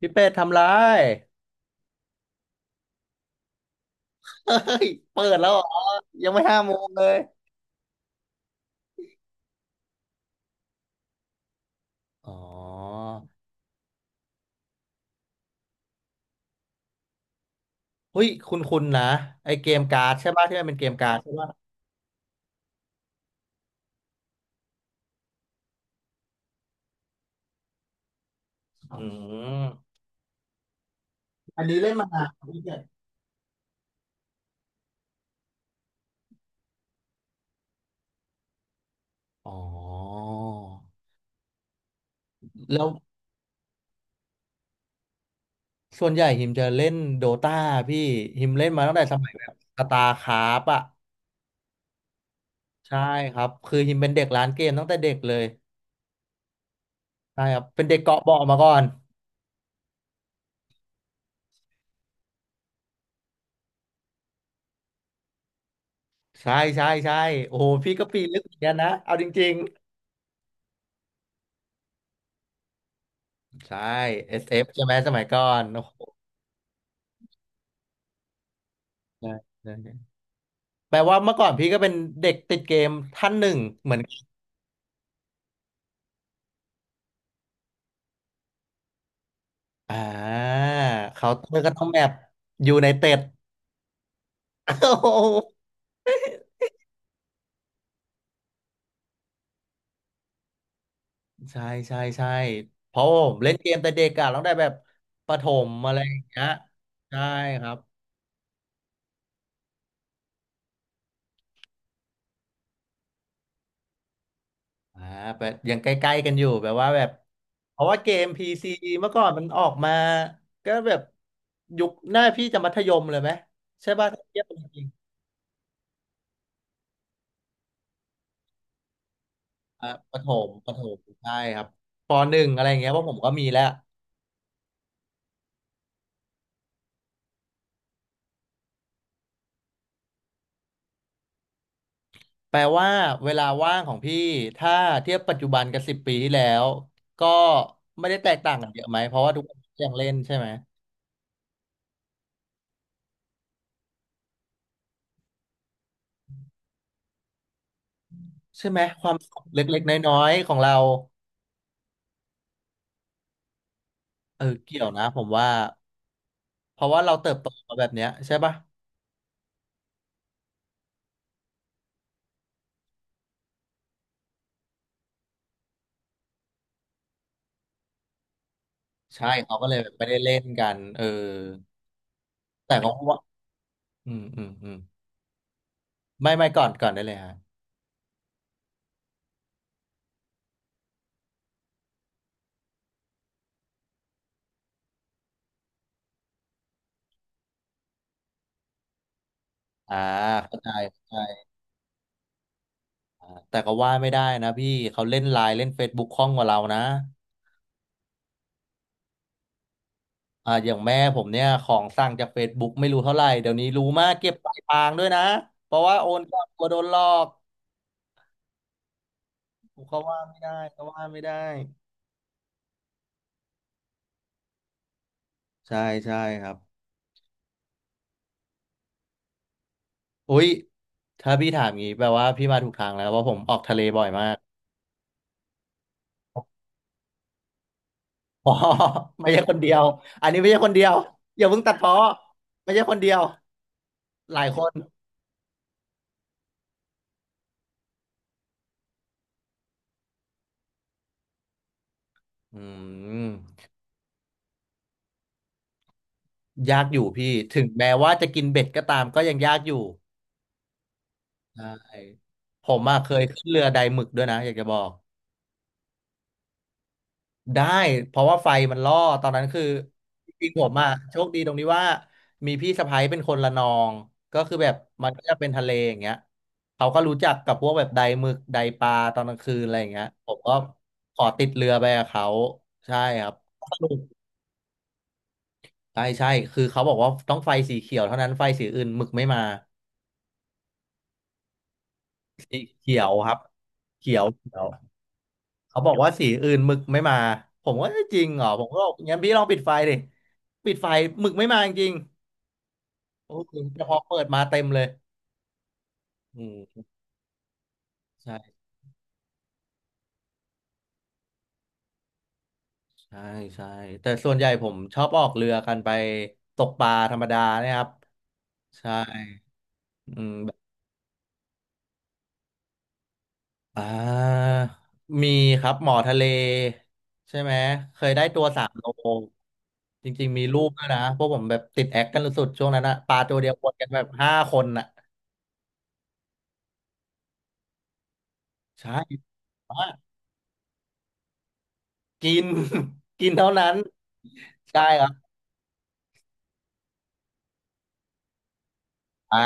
พี่เป็ดทำไรเฮ้ยเปิดแล้วเหรอยังไม่5 โมงเลยอ๋อเฮ้ยคุณคุณนะไอเกมการ์ดใช่ป่ะที่มันเป็นเกมการ์ดใช่ป่ะอืมอันนี้เล่นมานานแล้วพี่เป็ดอ๋อแล้วส่วนใหญ่ฮิมจะเล่นโดตาพี่ฮิมเล่นมาตั้งแต่สมัยแบบสตาร์คราฟอ่ะใช่ครับคือฮิมเป็นเด็กร้านเกมตั้งแต่เด็กเลยใช่ครับเป็นเด็กเกาะเบาะมาก่อน ใช่ใช่ใช่โอ้โหพี่ก็ปีนลึกเหมือนกันนะเอาจริง ใช่ SF ใช่ไหมสมัยก่อนโอ้โหใช่ใช่แปลว่าเมื่อก่อนพี่ก็เป็นเด็กติดเกมท่านหนึ่งเหมือนกันอ่าเขาเมื่อก็ต้องแบบอยู่ ในเต็ดโอ้โหใช่ใช่ใช่เพราะผมเล่นเกมแต่เด็กอะต้องได้แบบประถมอะไรอย่างเงี้ยใช่ครับอ่าแบบยังใกล้ๆกันอยู่แบบว่าแบบเพราะว่าเกม PC เมื่อก่อนมันออกมาก็แบบยุคหน้าพี่จะมัธยมเลยไหมใช่ป่ะถ้าเทียบกันจริง อ่ะประถมประถมใช่ครับปหนึ่งอะไรอย่างเงี้ยว่าะผมก็มีแล้วแปลว่าเวลาว่างของพี่ถ้าเทียบปัจจุบันกับ10 ปีที่แล้วก็ไม่ได้แตกต่างกันเยอะไหมเพราะว่าทุกคนยังเล่นใช่ไหมใช่ไหมความสุขเล็กๆน้อยๆของเราเออเกี่ยวนะผมว่าเพราะว่าเราเติบโตมาแบบเนี้ยใช่ปะใช่เขาก็เลยแบบไม่ได้เล่นกันเออแต่ก็ว่าอืมอืมอืมไม่ไม่ก่อนก่อนได้เลยฮะอ่าเข้าใจ แต่ก็ว่าไม่ได้นะพี่เขาเล่นไลน์เล่น Facebook คล่องกว่าเรานะอ่าอย่างแม่ผมเนี่ยของสั่งจาก Facebook ไม่รู้เท่าไหร่เดี๋ยวนี้รู้มากเก็บปลายทางด้วยนะเพราะว่าโอนก็กลัวโดนหลอกเขาว่าไม่ได้เขาว่าไม่ได้ใช่ใช่ครับอุ้ยถ้าพี่ถามงี้แปลว่าพี่มาถูกทางแล้วว่าะผมออกทะเลบ่อยมาก อ๋อไม่ใช่คนเดียวอันนี้ไม่ใช่คนเดียวอย่าเพิ่งตัดพ้อไม่ใช่คนเดียวหลายคนอืม ยากอยู่พี่ถึงแม้ว่าจะกินเบ็ดก็ตามก็ยังยากอยู่ใช่ผมอะเคยขึ้นเรือไดหมึกด้วยนะอยากจะบอกได้เพราะว่าไฟมันล่อตอนนั้นคือจริงๆผมอ่ะโชคดีตรงที่ว่ามีพี่สะใภ้เป็นคนละนองก็คือแบบมันก็จะเป็นทะเลอย่างเงี้ยเขาก็รู้จักกับพวกแบบไดหมึกไดปลาตอนกลางคืนอะไรอย่างเงี้ยผมก็ขอติดเรือไปกับเขาใช่ครับสนุกใช่ใช่คือเขาบอกว่าต้องไฟสีเขียวเท่านั้นไฟสีอื่นหมึกไม่มา สีเขียวครับเขียว เขียวเขาบอกว่าสีอื่นหมึกไม่มาผมว่าเอะจริงเหรอผมก็บอกงั้นพี่ลองปิดไฟดิปิดไฟหมึกไม่มาจริงๆโอ้โหแต่พอเปิดมาเต็มเลยอืมใช่ใช่ใช่แต่ส่วนใหญ่ผมชอบออกเรือกันไปตกปลาธรรมดาเนี่ยครับใช่อืม อ่ามีครับหมอทะเลใช่ไหมเคยได้ตัว3 โลจริงๆมีรูปด้วยนะพวกผมแบบติดแอคกันสุดๆช่วงนั้นอะปลาตัวเดียวหมดกันแบบห้าคนอะใช่อ่ะกิน กินเท่านั้นใช่ครับอ่า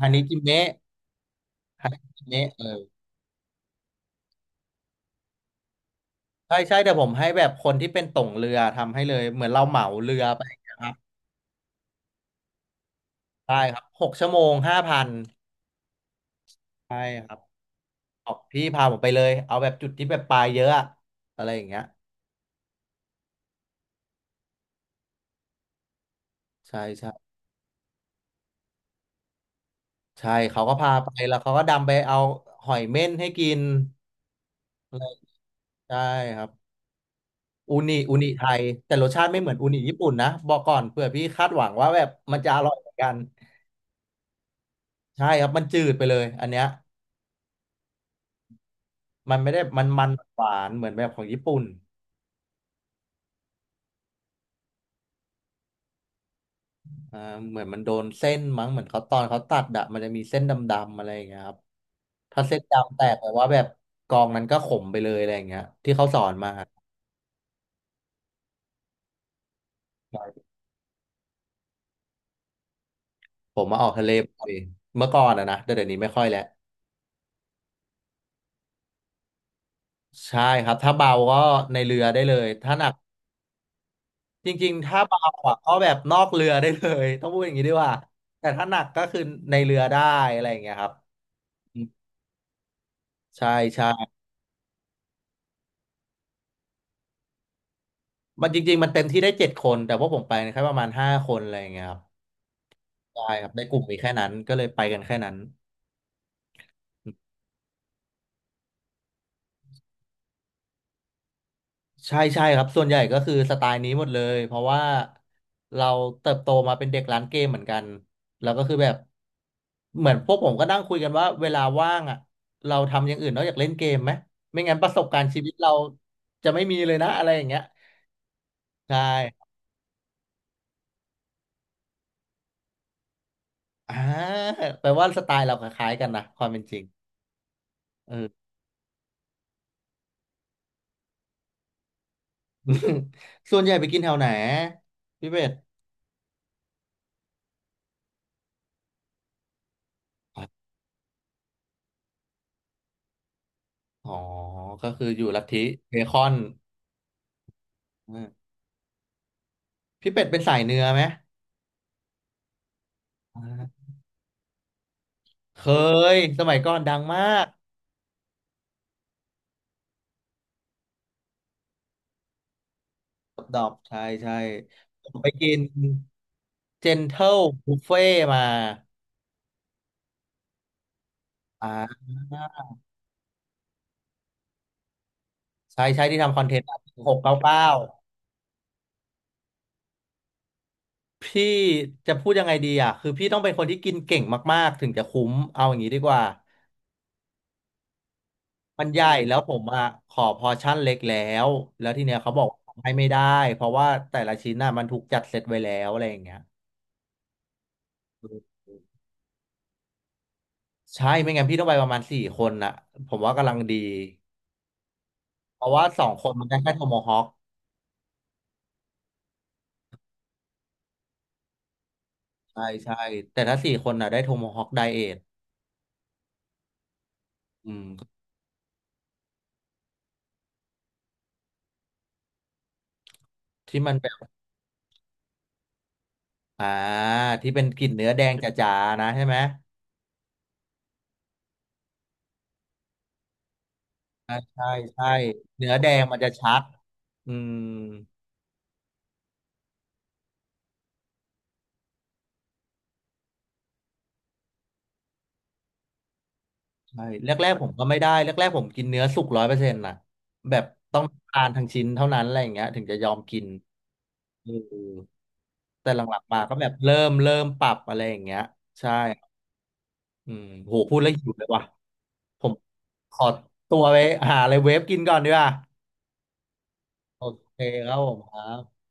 ฮานิจิเมะฮานิจิเมะเออใช่ใช่แต่ผมให้แบบคนที่เป็นต่งเรือทำให้เลยเหมือนเราเหมาเรือไปนะครับใช่ครับ6 ชั่วโมง 5,000ใช่ครับ บอกพี่พาผมไปเลยเอาแบบจุดที่แบบปลาเยอะอะอะไรอย่างเงี้ยใช่ใช่ใช่เขาก็พาไปแล้วเขาก็ดำไปเอาหอยเม่นให้กินอะไรใช่ครับอูนิอูนิไทยแต่รสชาติไม่เหมือนอูนิญี่ปุ่นนะบอกก่อนเผื่อพี่คาดหวังว่าแบบมันจะอร่อยเหมือนกันใช่ครับมันจืดไปเลยอันเนี้ยมันไม่ได้มันมันหวานเหมือนแบบของญี่ปุ่น อ่าเหมือนมันโดนเส้นมั้งเหมือนเขาตอนเขาตัดอะมันจะมีเส้นดำๆอะไรอย่างเงี้ยครับถ้าเส้นดำแตกแปลว่าแบบกองนั้นก็ขมไปเลยอะไรอย่างเงี้ยที่เขาสอนมาใช่ผมมาออกทะเลบ่อยเมื่อก่อนอะนะแต่เดี๋ยวนี้ไม่ค่อยแล้วใช่ครับถ้าเบาก็ในเรือได้เลยถ้าหนักจริงๆถ้าเบาอะก็แบบนอกเรือได้เลยต้องพูดอย่างนี้ดีกว่าแต่ถ้าหนักก็คือในเรือได้อะไรอย่างเงี้ยครับอืมใช่ใช่มันจริงๆมันเต็มที่ได้7 คนแต่พวกผมไปแค่ประมาณห้าคนอะไรอย่างเงี้ยครับ ใช่ครับในกลุ่มมีแค่นั้นก็เลยไปกันแค่นั้นใช่ใช่ครับส่วนใหญ่ก็คือสไตล์นี้หมดเลยเพราะว่าเราเติบโตมาเป็นเด็กร้านเกมเหมือนกันแล้วก็คือแบบเหมือนพวกผมก็นั่งคุยกันว่าเวลาว่างอ่ะเราทำอย่างอื่นนอกจากเล่นเกมไหมไม่งั้นประสบการณ์ชีวิตเราจะไม่มีเลยนะอะไรอย่างเงี้ยใช่อ่าแปลว่าสไตล์เราคล้ายๆกันนะความเป็นจริงเออ ส่วนใหญ่ไปกินแถวไหนพี่เป็ดอ๋อก็คืออยู่ลัทธิเบคอน เออพี่เป็ดเป็นสายเนื้อไหมอ่าเคยสมัยก่อนดังมากดอบใช่ใช่ผมไปกินเจนเท e ลบุฟเฟ่มาอ่าใช่ใช่ที่ทำคอนเทนต์699พี่จะพูดยังไงดีอ่ะคือพี่ต้องเป็นคนที่กินเก่งมากๆถึงจะคุ้มเอาอย่างนี้ดีกว่ามันใหญ่แล้วผมอ่ะขอพอร์ชั่นเล็กแล้วแล้วทีเนี้ยเขาบอกให้ไม่ได้เพราะว่าแต่ละชิ้นน่ะมันถูกจัดเซตไว้แล้วอะไรอย่างเงี้ย ใช่ไม่งั้นพี่ต้องไปประมาณสี่คนนะผมว่ากำลังดีเพราะว่าสองคนมันได้แค่โทโมฮอคใช่ใช่แต่ถ้าสี่คนน่ะได้โทโมฮอคไดเอทอืมที่มันเป็นอ่าที่เป็นกลิ่นเนื้อแดงจ๋าๆนะใช่ไหมใช่ใช่ใช่เนื้อแดงมันจะชัดอืมใช่แรกๆผมก็ไม่ได้แรกๆผมกินเนื้อสุก100%นะแบบต้องทานทั้งชิ้นเท่านั้นอะไรอย่างเงี้ยถึงจะยอมกินเออแต่หลังๆมาก็แบบเริ่มปรับอะไรอย่างเงี้ยใช่ อืมโหพูดแล้วหิวเลยว่ะผมขอตัวไปหาอะไรเวฟกินก่อนดีกว่าโอเคครับผมครับ